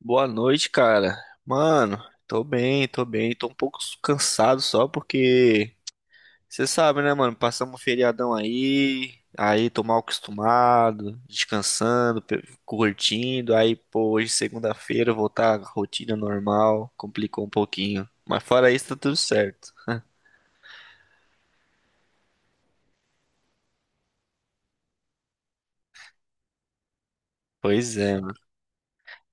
Boa noite, cara. Mano, tô bem. Tô um pouco cansado só porque você sabe, né, mano? Passamos um feriadão aí, tô mal acostumado, descansando, curtindo. Aí, pô, hoje é segunda-feira voltar à rotina normal, complicou um pouquinho. Mas fora isso, tá tudo certo. Pois é, mano.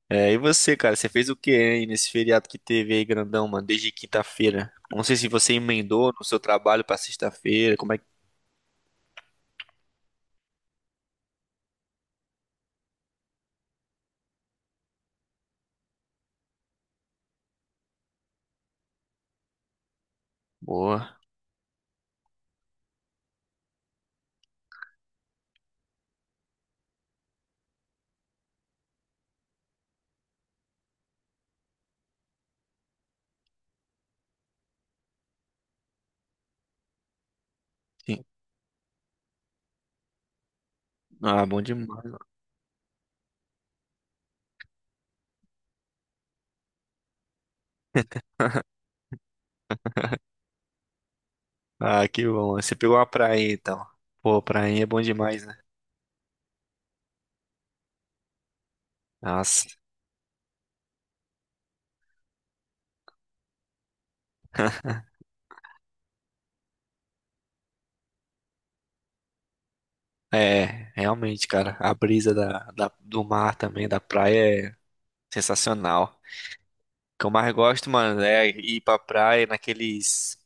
É, e você, cara? Você fez o que aí nesse feriado que teve aí, grandão, mano? Desde quinta-feira. Não sei se você emendou no seu trabalho pra sexta-feira. Como é que. Boa. Ah, bom demais. Ah, que bom. Você pegou uma praia, então. Pô, prainha é bom demais, né? Nossa. É, realmente, cara. A brisa do mar também, da praia, é sensacional. O que eu mais gosto, mano, é ir pra praia naqueles...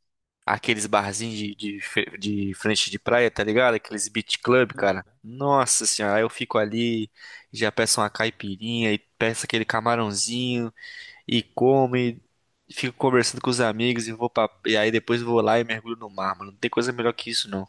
Aqueles barzinhos de frente de praia, tá ligado? Aqueles beach club, cara. Nossa senhora, aí eu fico ali, já peço uma caipirinha e peço aquele camarãozinho e come, fico conversando com os amigos e vou pra... E aí depois vou lá e mergulho no mar, mano. Não tem coisa melhor que isso, não.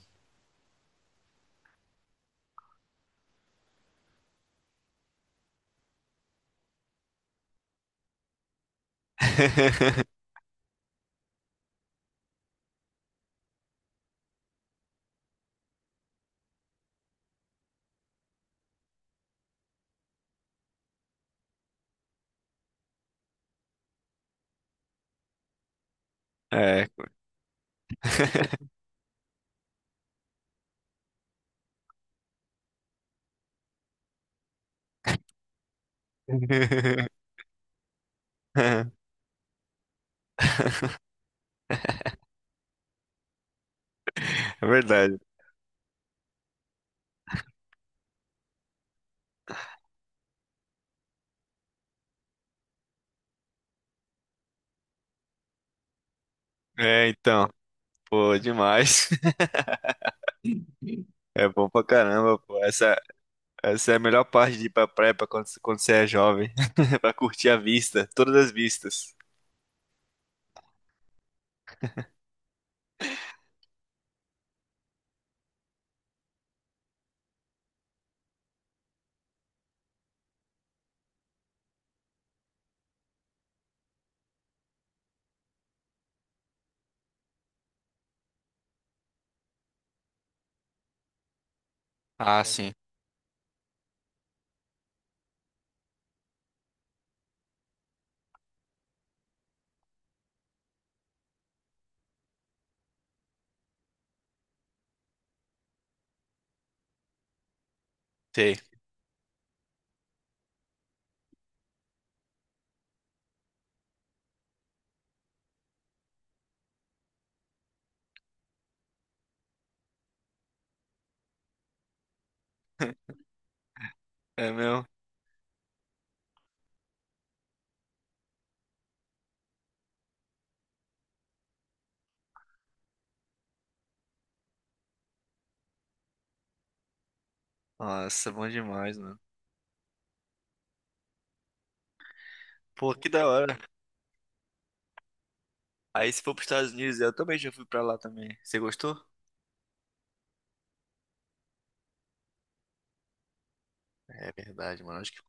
É. É verdade. É, então, pô, demais. É bom pra caramba, pô. Essa é a melhor parte de ir pra praia pra quando você é jovem. Pra curtir a vista, todas as vistas. Ah, sim. Sei. É meu? Nossa, bom demais, mano. Pô, que da hora. Aí se for pros Estados Unidos, eu também já fui pra lá também. Você gostou? É verdade, mano. Acho que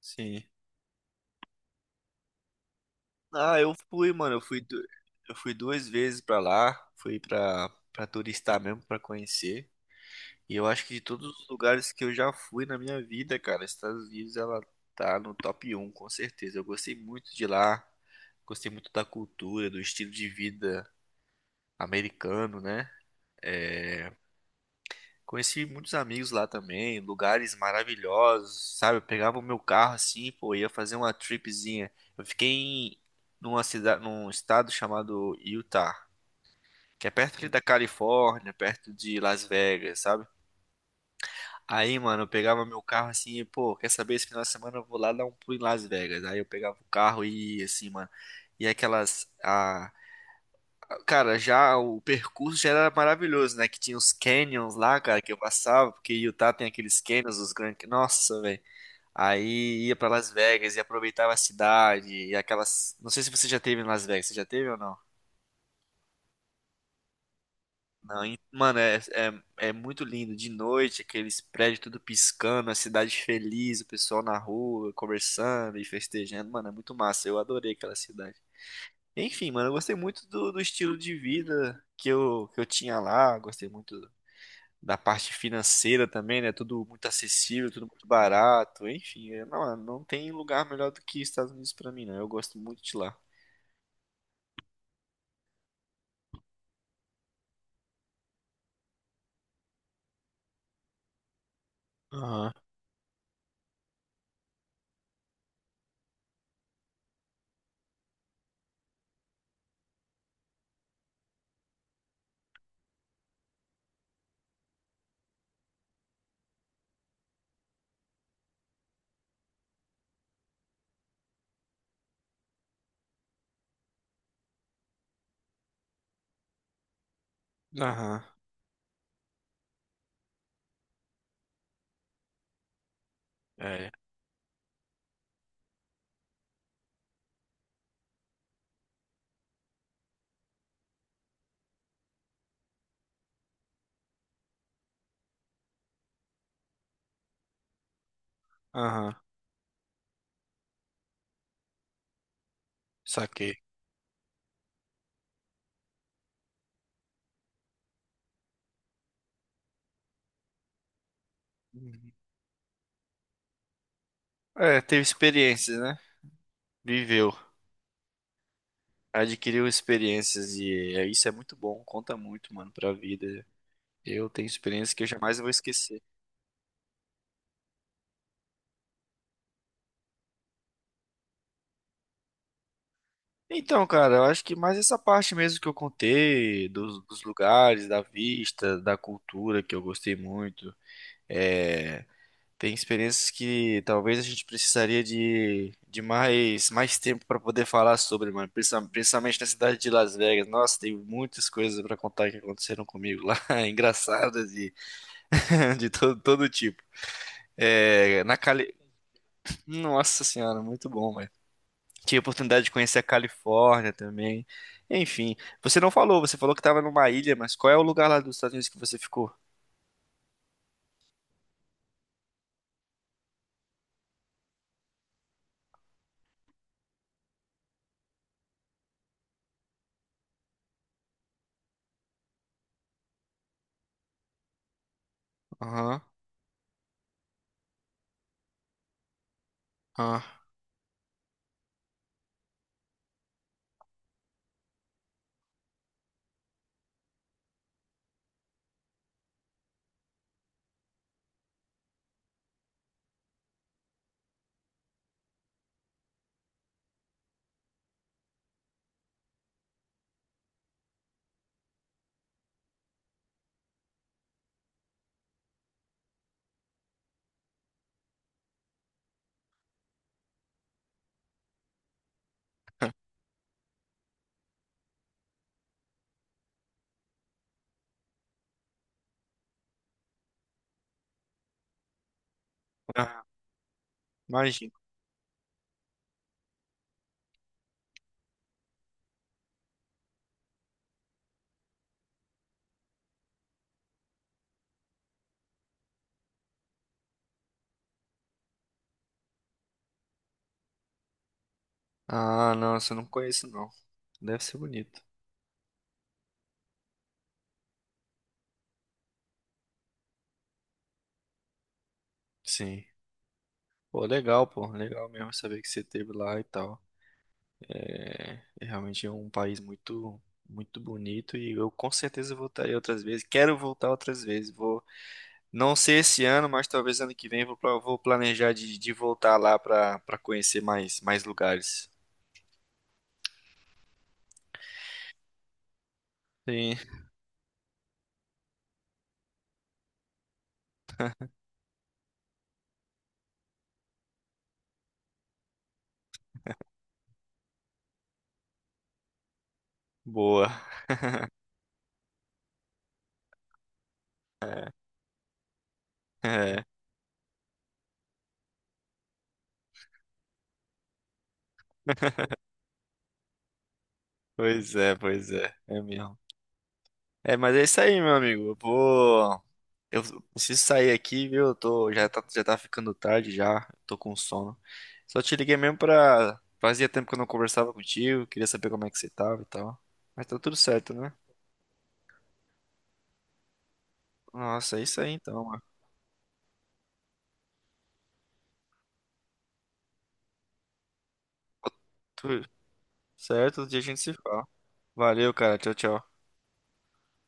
sim. Ah, eu fui, mano. Eu fui duas vezes pra lá. Fui pra, pra turistar mesmo, pra conhecer. E eu acho que de todos os lugares que eu já fui na minha vida, cara, Estados Unidos, ela tá no top um com certeza. Eu gostei muito de lá. Gostei muito da cultura, do estilo de vida americano, né? É, conheci muitos amigos lá também, lugares maravilhosos, sabe? Eu pegava o meu carro assim, pô, ia fazer uma tripzinha. Eu fiquei em, numa cidade, num estado chamado Utah, que é perto ali da Califórnia, perto de Las Vegas, sabe? Aí, mano, eu pegava meu carro assim, e, pô, quer saber, esse final de semana eu vou lá dar um pulo em Las Vegas. Aí eu pegava o carro e ia assim, mano. E aquelas, a, Cara, já o percurso já era maravilhoso, né? Que tinha os canyons lá, cara, que eu passava, porque Utah tem aqueles canyons, os grandes. Nossa, velho. Aí ia pra Las Vegas e aproveitava a cidade e aquelas. Não sei se você já teve em Las Vegas, você já teve ou não? Não, mano, é muito lindo. De noite, aqueles prédios tudo piscando, a cidade feliz, o pessoal na rua conversando e festejando. Mano, é muito massa. Eu adorei aquela cidade. Enfim, mano, eu gostei muito do estilo de vida que eu tinha lá. Gostei muito da parte financeira também, né? Tudo muito acessível, tudo muito barato, enfim, é, não, não tem lugar melhor do que Estados Unidos pra mim, não. Eu gosto muito de lá. Aham, aham, é, aham, saquei. Uhum. É, teve experiências, né? Viveu, adquiriu experiências e é, isso é muito bom, conta muito, mano, pra vida. Eu tenho experiências que eu jamais vou esquecer. Então, cara, eu acho que mais essa parte mesmo que eu contei, dos lugares, da vista, da cultura que eu gostei muito. É, tem experiências que talvez a gente precisaria de mais, mais tempo para poder falar sobre, mano. Principalmente na cidade de Las Vegas. Nossa, tem muitas coisas para contar que aconteceram comigo lá, engraçadas e de todo tipo. É, na Cali... Nossa senhora, muito bom, velho. Tive a oportunidade de conhecer a Califórnia também. Enfim, você não falou, você falou que estava numa ilha, mas qual é o lugar lá dos Estados Unidos que você ficou? Aham, ah, ah, imagina. Ah, não, você não conheço, não. Deve ser bonito. Sim. Pô. Legal mesmo saber que você esteve lá e tal. É, é realmente um país muito, muito bonito e eu com certeza voltarei outras vezes. Quero voltar outras vezes. Vou, não sei esse ano, mas talvez ano que vem vou, vou planejar de voltar lá pra para conhecer mais, mais lugares. Sim, boa. É, pois é, pois é. É mesmo. É, mas é isso aí, meu amigo. Eu vou. Eu preciso sair aqui, viu? Eu tô, já tá ficando tarde já, tô com sono. Só te liguei mesmo pra. Fazia tempo que eu não conversava contigo, queria saber como é que você tava e tal. Mas tá tudo certo, né? Nossa, é isso aí então, mano. Tudo certo, outro dia a gente se fala. Valeu, cara. Tchau, tchau.